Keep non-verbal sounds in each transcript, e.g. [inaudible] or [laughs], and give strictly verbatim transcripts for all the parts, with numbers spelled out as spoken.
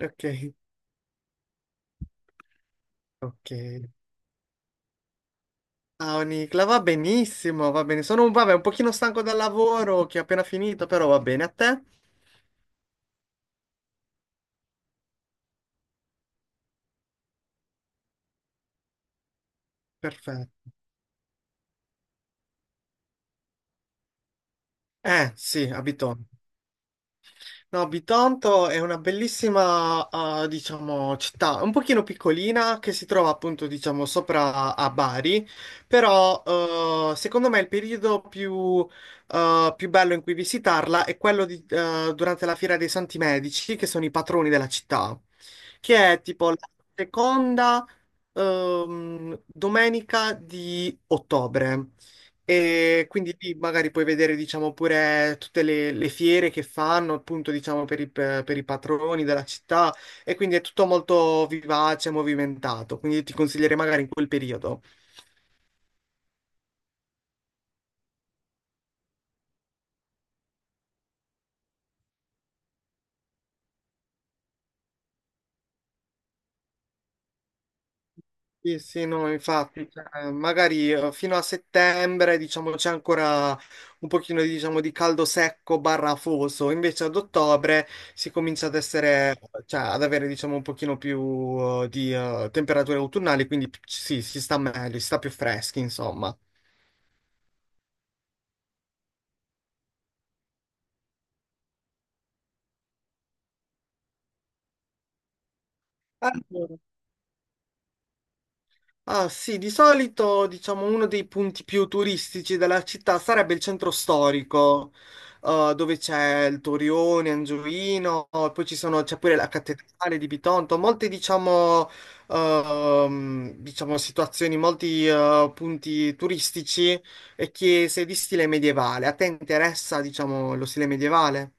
Ok, ok. Ah, Nicla, va benissimo, va bene. Sono un, vabbè, un pochino stanco dal lavoro che ho appena finito, però va bene. A te? Perfetto. Eh, sì, abito. No, Bitonto è una bellissima, eh, diciamo, città, un pochino piccolina che si trova appunto, diciamo, sopra a Bari, però eh, secondo me il periodo più, eh, più bello in cui visitarla è quello di- eh, durante la Fiera dei Santi Medici, che sono i patroni della città, che è tipo la seconda ehm, domenica di ottobre. E quindi lì magari puoi vedere, diciamo, pure tutte le, le fiere che fanno, appunto, diciamo, per i, per i patroni della città. E quindi è tutto molto vivace, e movimentato. Quindi ti consiglierei magari in quel periodo. Sì, sì, no, infatti, cioè, magari eh, fino a settembre, diciamo, c'è ancora un pochino, diciamo, di caldo secco barra afoso, invece ad ottobre si comincia ad essere, cioè, ad avere, diciamo, un pochino più eh, di eh, temperature autunnali, quindi sì, si sta meglio, si sta più freschi, insomma. Allora, ah sì, di solito diciamo uno dei punti più turistici della città sarebbe il centro storico, eh, dove c'è il Torione, Angioino, poi ci sono- c'è pure la cattedrale di Bitonto, molte diciamo, ehm, diciamo, situazioni, molti eh, punti turistici e chiese di stile medievale. A te interessa diciamo lo stile medievale?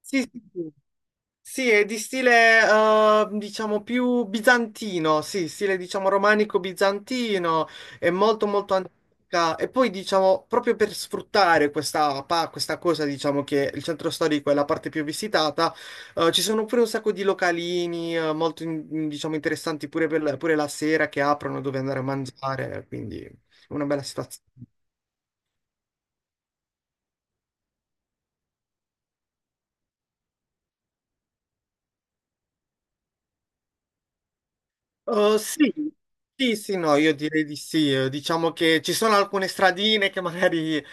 Sì, sì, sì. Sì, è di stile, eh, diciamo, più bizantino, sì, stile, diciamo, romanico bizantino, è molto, molto antica. E poi, diciamo, proprio per sfruttare questa, pa- questa cosa, diciamo, che il centro storico è la parte più visitata, eh, ci sono pure un sacco di localini, eh, molto, in- in- diciamo, interessanti pure, per la- pure la sera che aprono dove andare a mangiare, quindi una bella situazione. Uh, sì, sì, sì, no, io direi di sì. Eh, diciamo che ci sono alcune stradine che magari eh,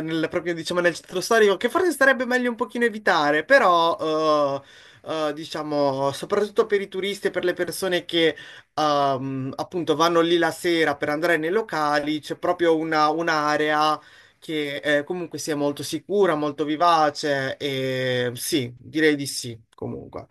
nel, proprio diciamo, nel centro storico che forse sarebbe meglio un pochino evitare, però eh, eh, diciamo soprattutto per i turisti e per le persone che ehm, appunto vanno lì la sera per andare nei locali, c'è proprio una- un'area che eh, comunque sia molto sicura, molto vivace e sì, direi di sì, comunque.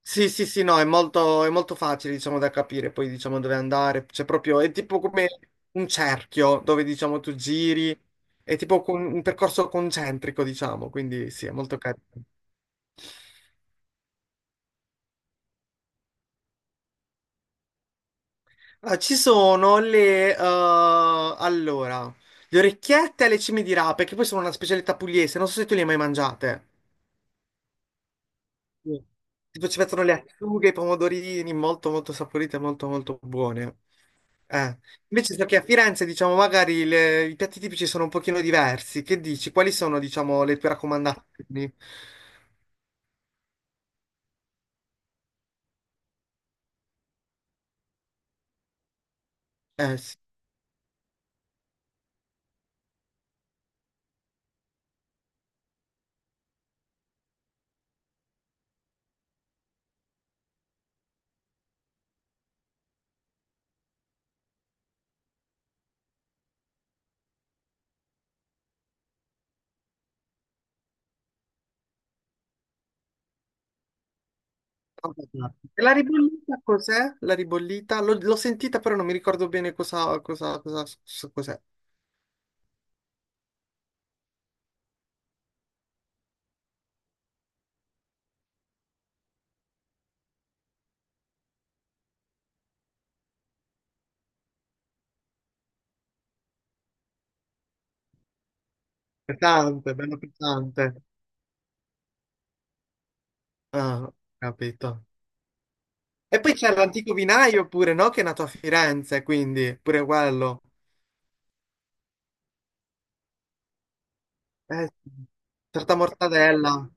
Sì, sì, sì, no, è molto, è molto facile, diciamo, da capire, poi diciamo dove andare, c'è proprio, è tipo come un cerchio dove, diciamo, tu giri, è tipo con- un percorso concentrico, diciamo, quindi sì, è molto carino. Ah, ci sono le, eh, allora, le orecchiette alle cime di rape, che poi sono una specialità pugliese, non so se tu le hai mai mangiate. Sì. Tipo ci mettono le acciughe, i pomodorini, molto molto saporite, molto molto buone. Eh. Invece so che a Firenze, diciamo, magari le- i piatti tipici sono un pochino diversi. Che dici? Quali sono, diciamo, le tue raccomandazioni? Eh, sì. E la ribollita cos'è? La ribollita? L'ho l'ho sentita, però non mi ricordo bene cosa, cosa, cosa, s- cos'è. Pesante, bello pesante. Ah, capito. E poi c'è l'antico vinaio pure, no? Che è nato a Firenze, quindi pure quello. Eh, sì. Torta mortadella.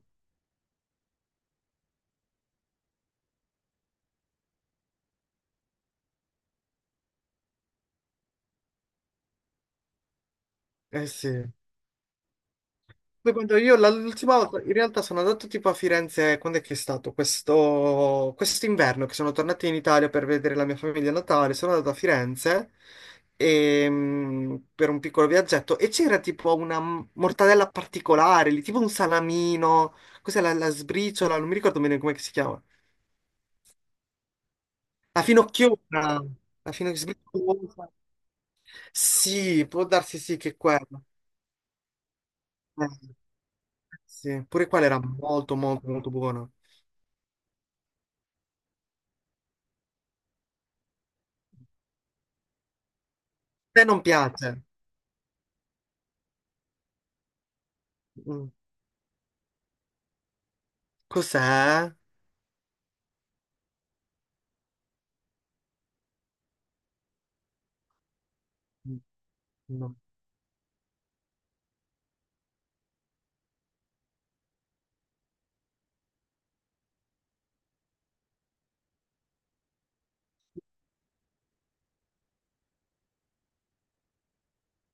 Eh sì. Poi quando io la- l'ultima volta, in realtà sono andato tipo a Firenze, eh, quando è che è stato? Questo quest'inverno che sono tornato in Italia per vedere la mia famiglia a Natale, sono andato a Firenze ehm, per un piccolo viaggetto e c'era tipo una m- mortadella particolare, lì, tipo un salamino, cos'è la, la sbriciola, non mi ricordo bene come si chiama. La finocchiona, la finocchiona. Sì, può darsi sì che è quella. Eh. Sì, pure quella era molto molto molto buona. A te non piace? Mm. Cos'è? Mm. No.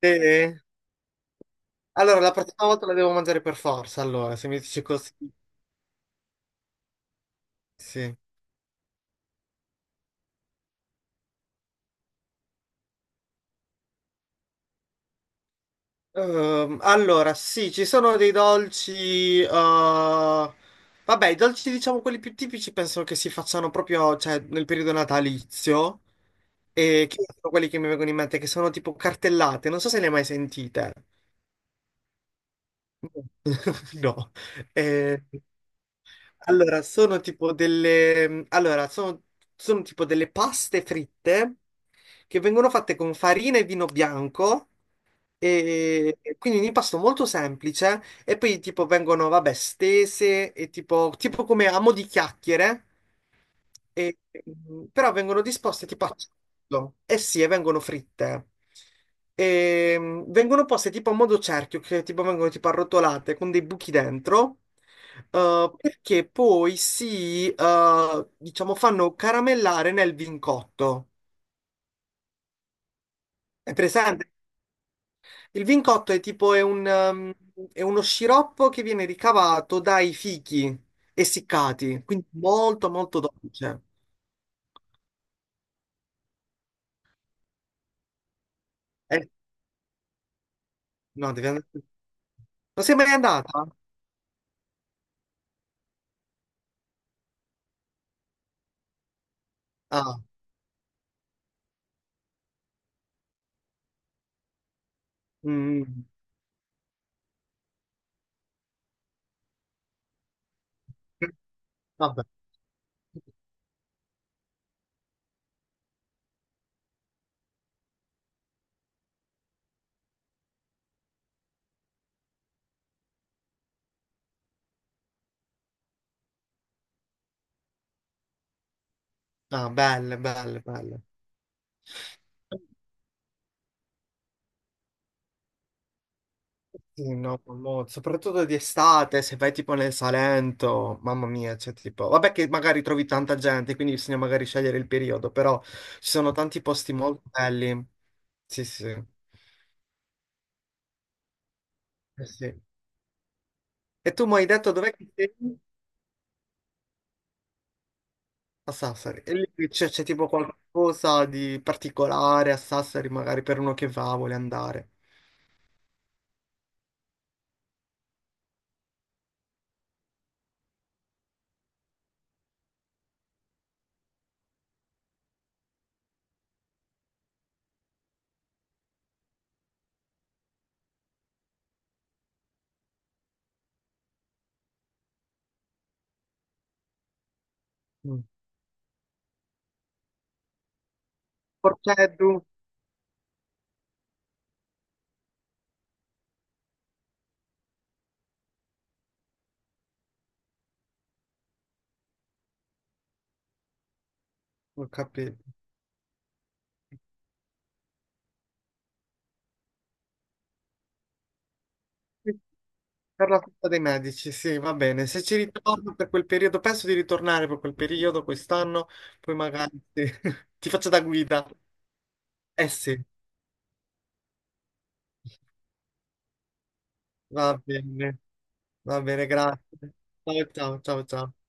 Sì? Allora, la prossima volta la devo mangiare per forza, allora, se mi dici così. Sì. Ehm, allora, sì, ci sono dei dolci... eh, vabbè, i dolci, diciamo, quelli più tipici penso che si facciano proprio, cioè, nel periodo natalizio. E che sono quelli che mi vengono in mente, che sono tipo cartellate. Non so se le hai mai sentite. No. [laughs] No. Eh, allora, sono tipo delle, allora, sono, sono tipo delle paste fritte che vengono fatte con farina e vino bianco, e, e quindi un impasto molto semplice, e poi tipo vengono, vabbè, stese, e tipo, tipo come a mo' di chiacchiere, e, mm, però vengono disposte tipo a cerchio. Eh sì, e vengono fritte. E, mm, vengono poste tipo a modo cerchio, che tipo vengono tipo arrotolate con dei buchi dentro. eh, perché poi si, eh, diciamo, fanno caramellare nel vincotto. È presente? Il vincotto è tipo è un, ehm, è uno sciroppo che viene ricavato dai fichi essiccati, quindi molto molto dolce. Eh, no, devi andare. Non sei mai andata? Ah, mm, vabbè. Ah, belle, belle, belle. Sì, no, mo- soprattutto di estate, se vai tipo nel Salento, mamma mia, c'è tipo... Vabbè che magari trovi tanta gente, quindi bisogna magari scegliere il periodo, però ci sono tanti posti molto belli. Sì, sì. Eh sì. E tu mi hai detto dov'è che sei? A Sassari. E lì c'è c'è tipo qualcosa di particolare a Sassari, magari per uno che va, vuole andare. Mm. Porceddu, ho capito. Per la festa dei medici, sì, va bene. Se ci ritorno per quel periodo, penso di ritornare per quel periodo quest'anno, poi magari sì, [laughs] ti faccio da guida. Eh sì, va bene, va bene, grazie. Ciao, ciao, ciao, ciao.